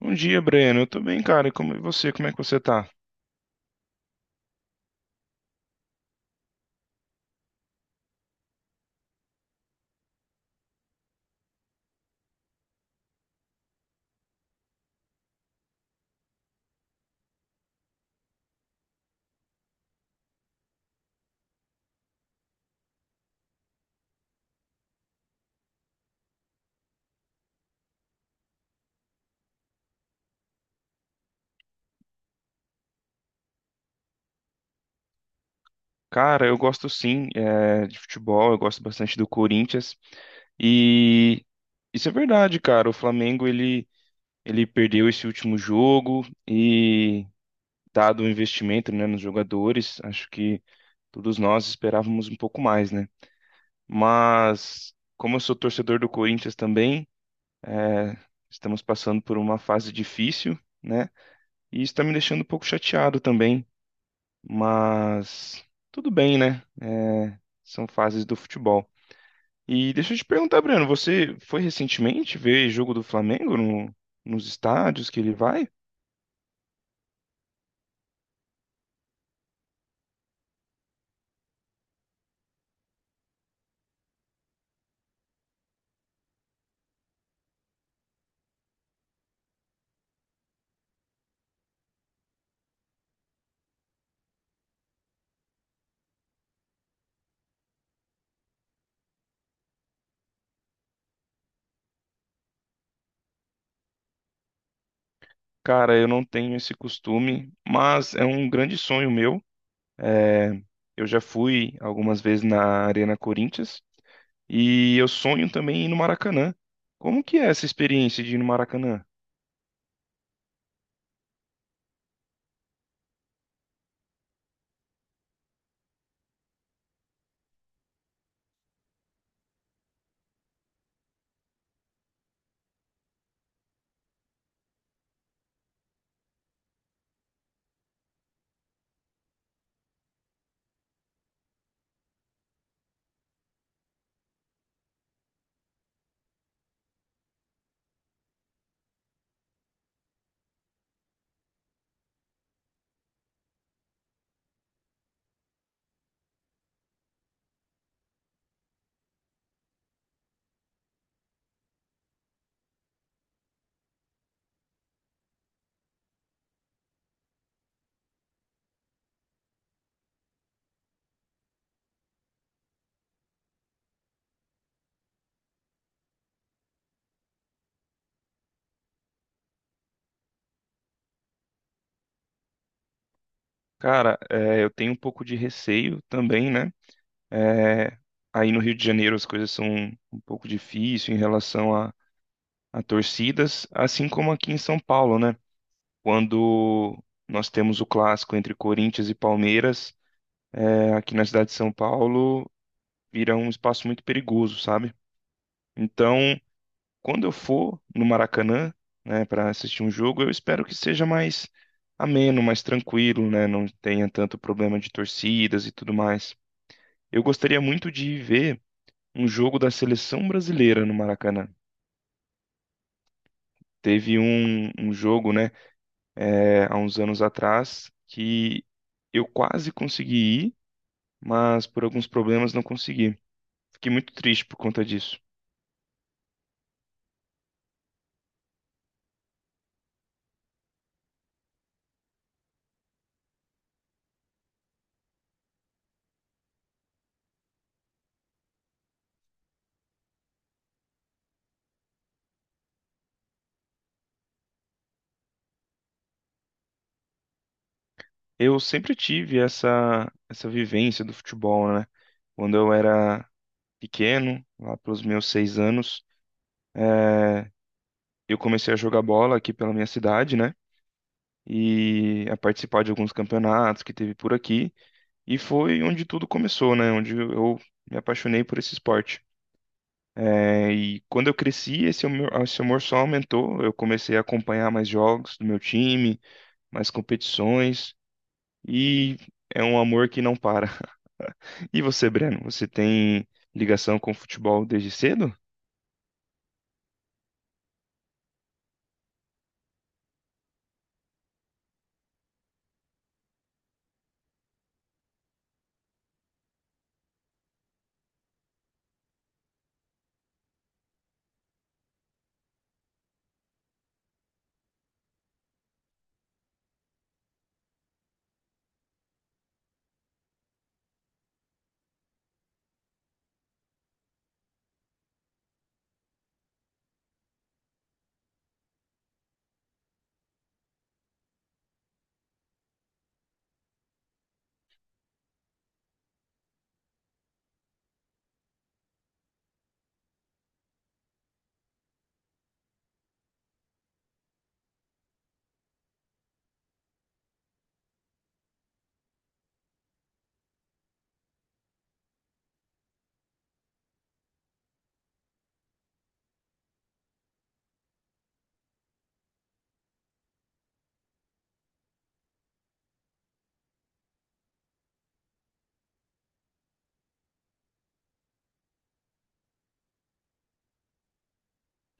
Bom dia, Breno. Eu tô bem, cara. E como você? Como é que você tá? Cara, eu gosto sim, de futebol, eu gosto bastante do Corinthians. E isso é verdade, cara. O Flamengo, ele perdeu esse último jogo e, dado o investimento, né, nos jogadores, acho que todos nós esperávamos um pouco mais, né? Mas como eu sou torcedor do Corinthians também, é, estamos passando por uma fase difícil, né? E isso tá me deixando um pouco chateado também. Mas tudo bem, né? É, são fases do futebol. E deixa eu te perguntar, Breno, você foi recentemente ver jogo do Flamengo nos estádios que ele vai? Cara, eu não tenho esse costume, mas é um grande sonho meu. É, eu já fui algumas vezes na Arena Corinthians e eu sonho também em ir no Maracanã. Como que é essa experiência de ir no Maracanã? Cara, é, eu tenho um pouco de receio também, né? É, aí no Rio de Janeiro as coisas são um pouco difíceis em relação a torcidas, assim como aqui em São Paulo, né? Quando nós temos o clássico entre Corinthians e Palmeiras, é, aqui na cidade de São Paulo, vira um espaço muito perigoso, sabe? Então, quando eu for no Maracanã, né, para assistir um jogo, eu espero que seja mais ameno, mais tranquilo, né? Não tenha tanto problema de torcidas e tudo mais. Eu gostaria muito de ver um jogo da seleção brasileira no Maracanã. Teve um jogo, né, é, há uns anos atrás, que eu quase consegui ir, mas por alguns problemas não consegui. Fiquei muito triste por conta disso. Eu sempre tive essa vivência do futebol, né? Quando eu era pequeno, lá pelos meus 6 anos, é, eu comecei a jogar bola aqui pela minha cidade, né? E a participar de alguns campeonatos que teve por aqui. E foi onde tudo começou, né? Onde eu me apaixonei por esse esporte. É, e quando eu cresci, esse amor só aumentou. Eu comecei a acompanhar mais jogos do meu time, mais competições, e é um amor que não para. E você, Breno, você tem ligação com o futebol desde cedo?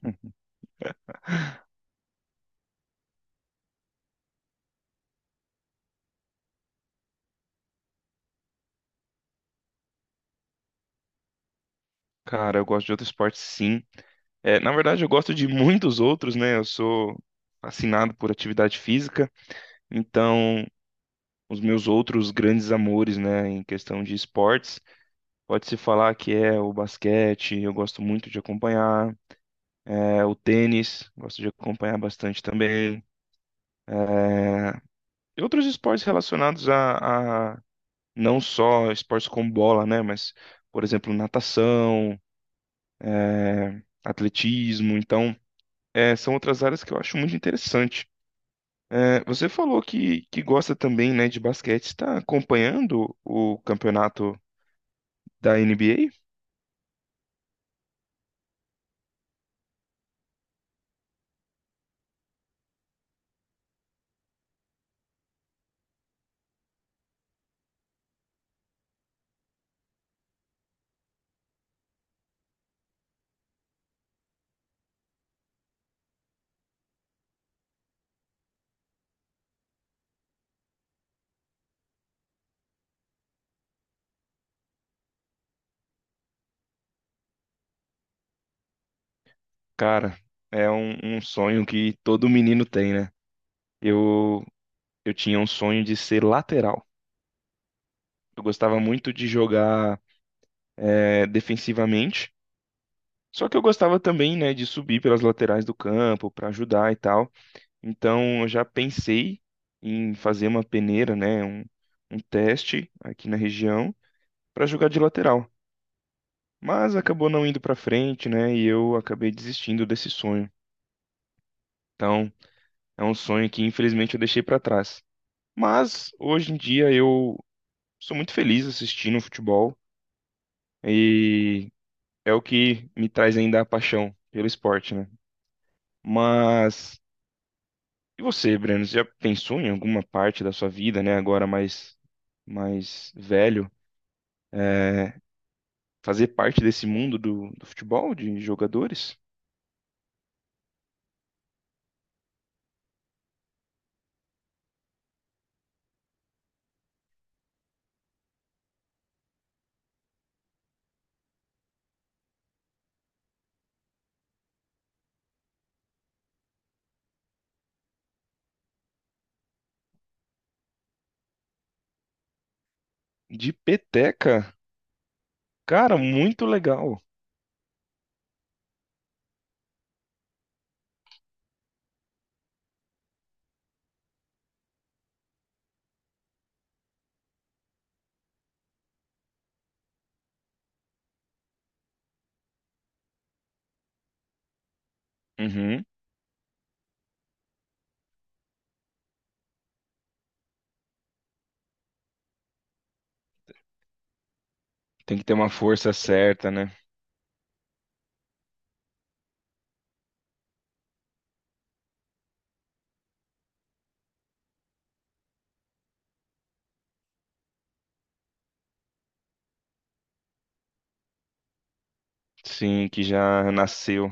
Uhum. Cara, eu gosto de outros esportes, sim. É, na verdade, eu gosto de muitos outros, né? Eu sou fascinado por atividade física, então os meus outros grandes amores, né, em questão de esportes. Pode-se falar que é o basquete, eu gosto muito de acompanhar, é o tênis, gosto de acompanhar bastante também. É, e outros esportes relacionados a não só esportes com bola, né, mas, por exemplo, natação, é, atletismo. Então, é, são outras áreas que eu acho muito interessante. É, você falou que gosta também, né, de basquete. Está acompanhando o campeonato da NBA? Cara, é um sonho que todo menino tem, né? Eu, eu tinha um sonho de ser lateral. Eu gostava muito de jogar é, defensivamente, só que eu gostava também, né, de subir pelas laterais do campo para ajudar e tal. Então, eu já pensei em fazer uma peneira, né, um teste aqui na região para jogar de lateral. Mas acabou não indo para frente, né, e eu acabei desistindo desse sonho. Então, é um sonho que infelizmente eu deixei para trás. Mas hoje em dia eu sou muito feliz assistindo futebol e é o que me traz ainda a paixão pelo esporte, né? Mas e você, Breno? Você já pensou em alguma parte da sua vida, né? Agora mais velho, é, fazer parte desse mundo do, do futebol de jogadores? De peteca, cara, muito legal. Uhum. Tem que ter uma força certa, né? Sim, que já nasceu.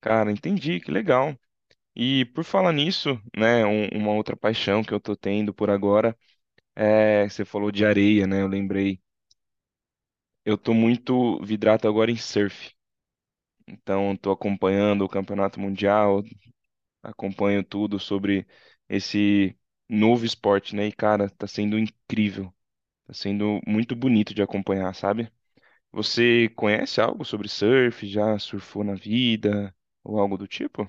Cara, entendi, que legal. E por falar nisso, né, uma outra paixão que eu tô tendo por agora é, você falou de areia, né? Eu lembrei. Eu tô muito vidrado agora em surf. Então, tô acompanhando o Campeonato Mundial, acompanho tudo sobre esse novo esporte, né? E cara, tá sendo incrível. Tá sendo muito bonito de acompanhar, sabe? Você conhece algo sobre surf? Já surfou na vida ou algo do tipo?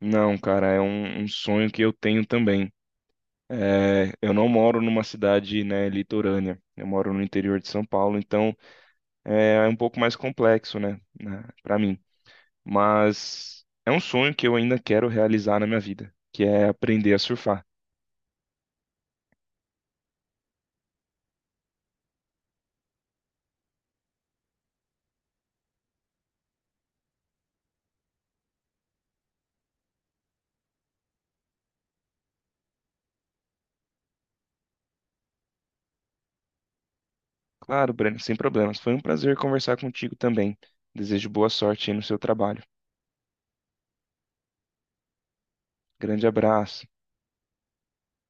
Não, cara, é um um sonho que eu tenho também. É, eu não moro numa cidade, né, litorânea. Eu moro no interior de São Paulo, então é, é um pouco mais complexo, né, para mim. Mas é um sonho que eu ainda quero realizar na minha vida, que é aprender a surfar. Claro, Breno, sem problemas. Foi um prazer conversar contigo também. Desejo boa sorte aí no seu trabalho. Grande abraço.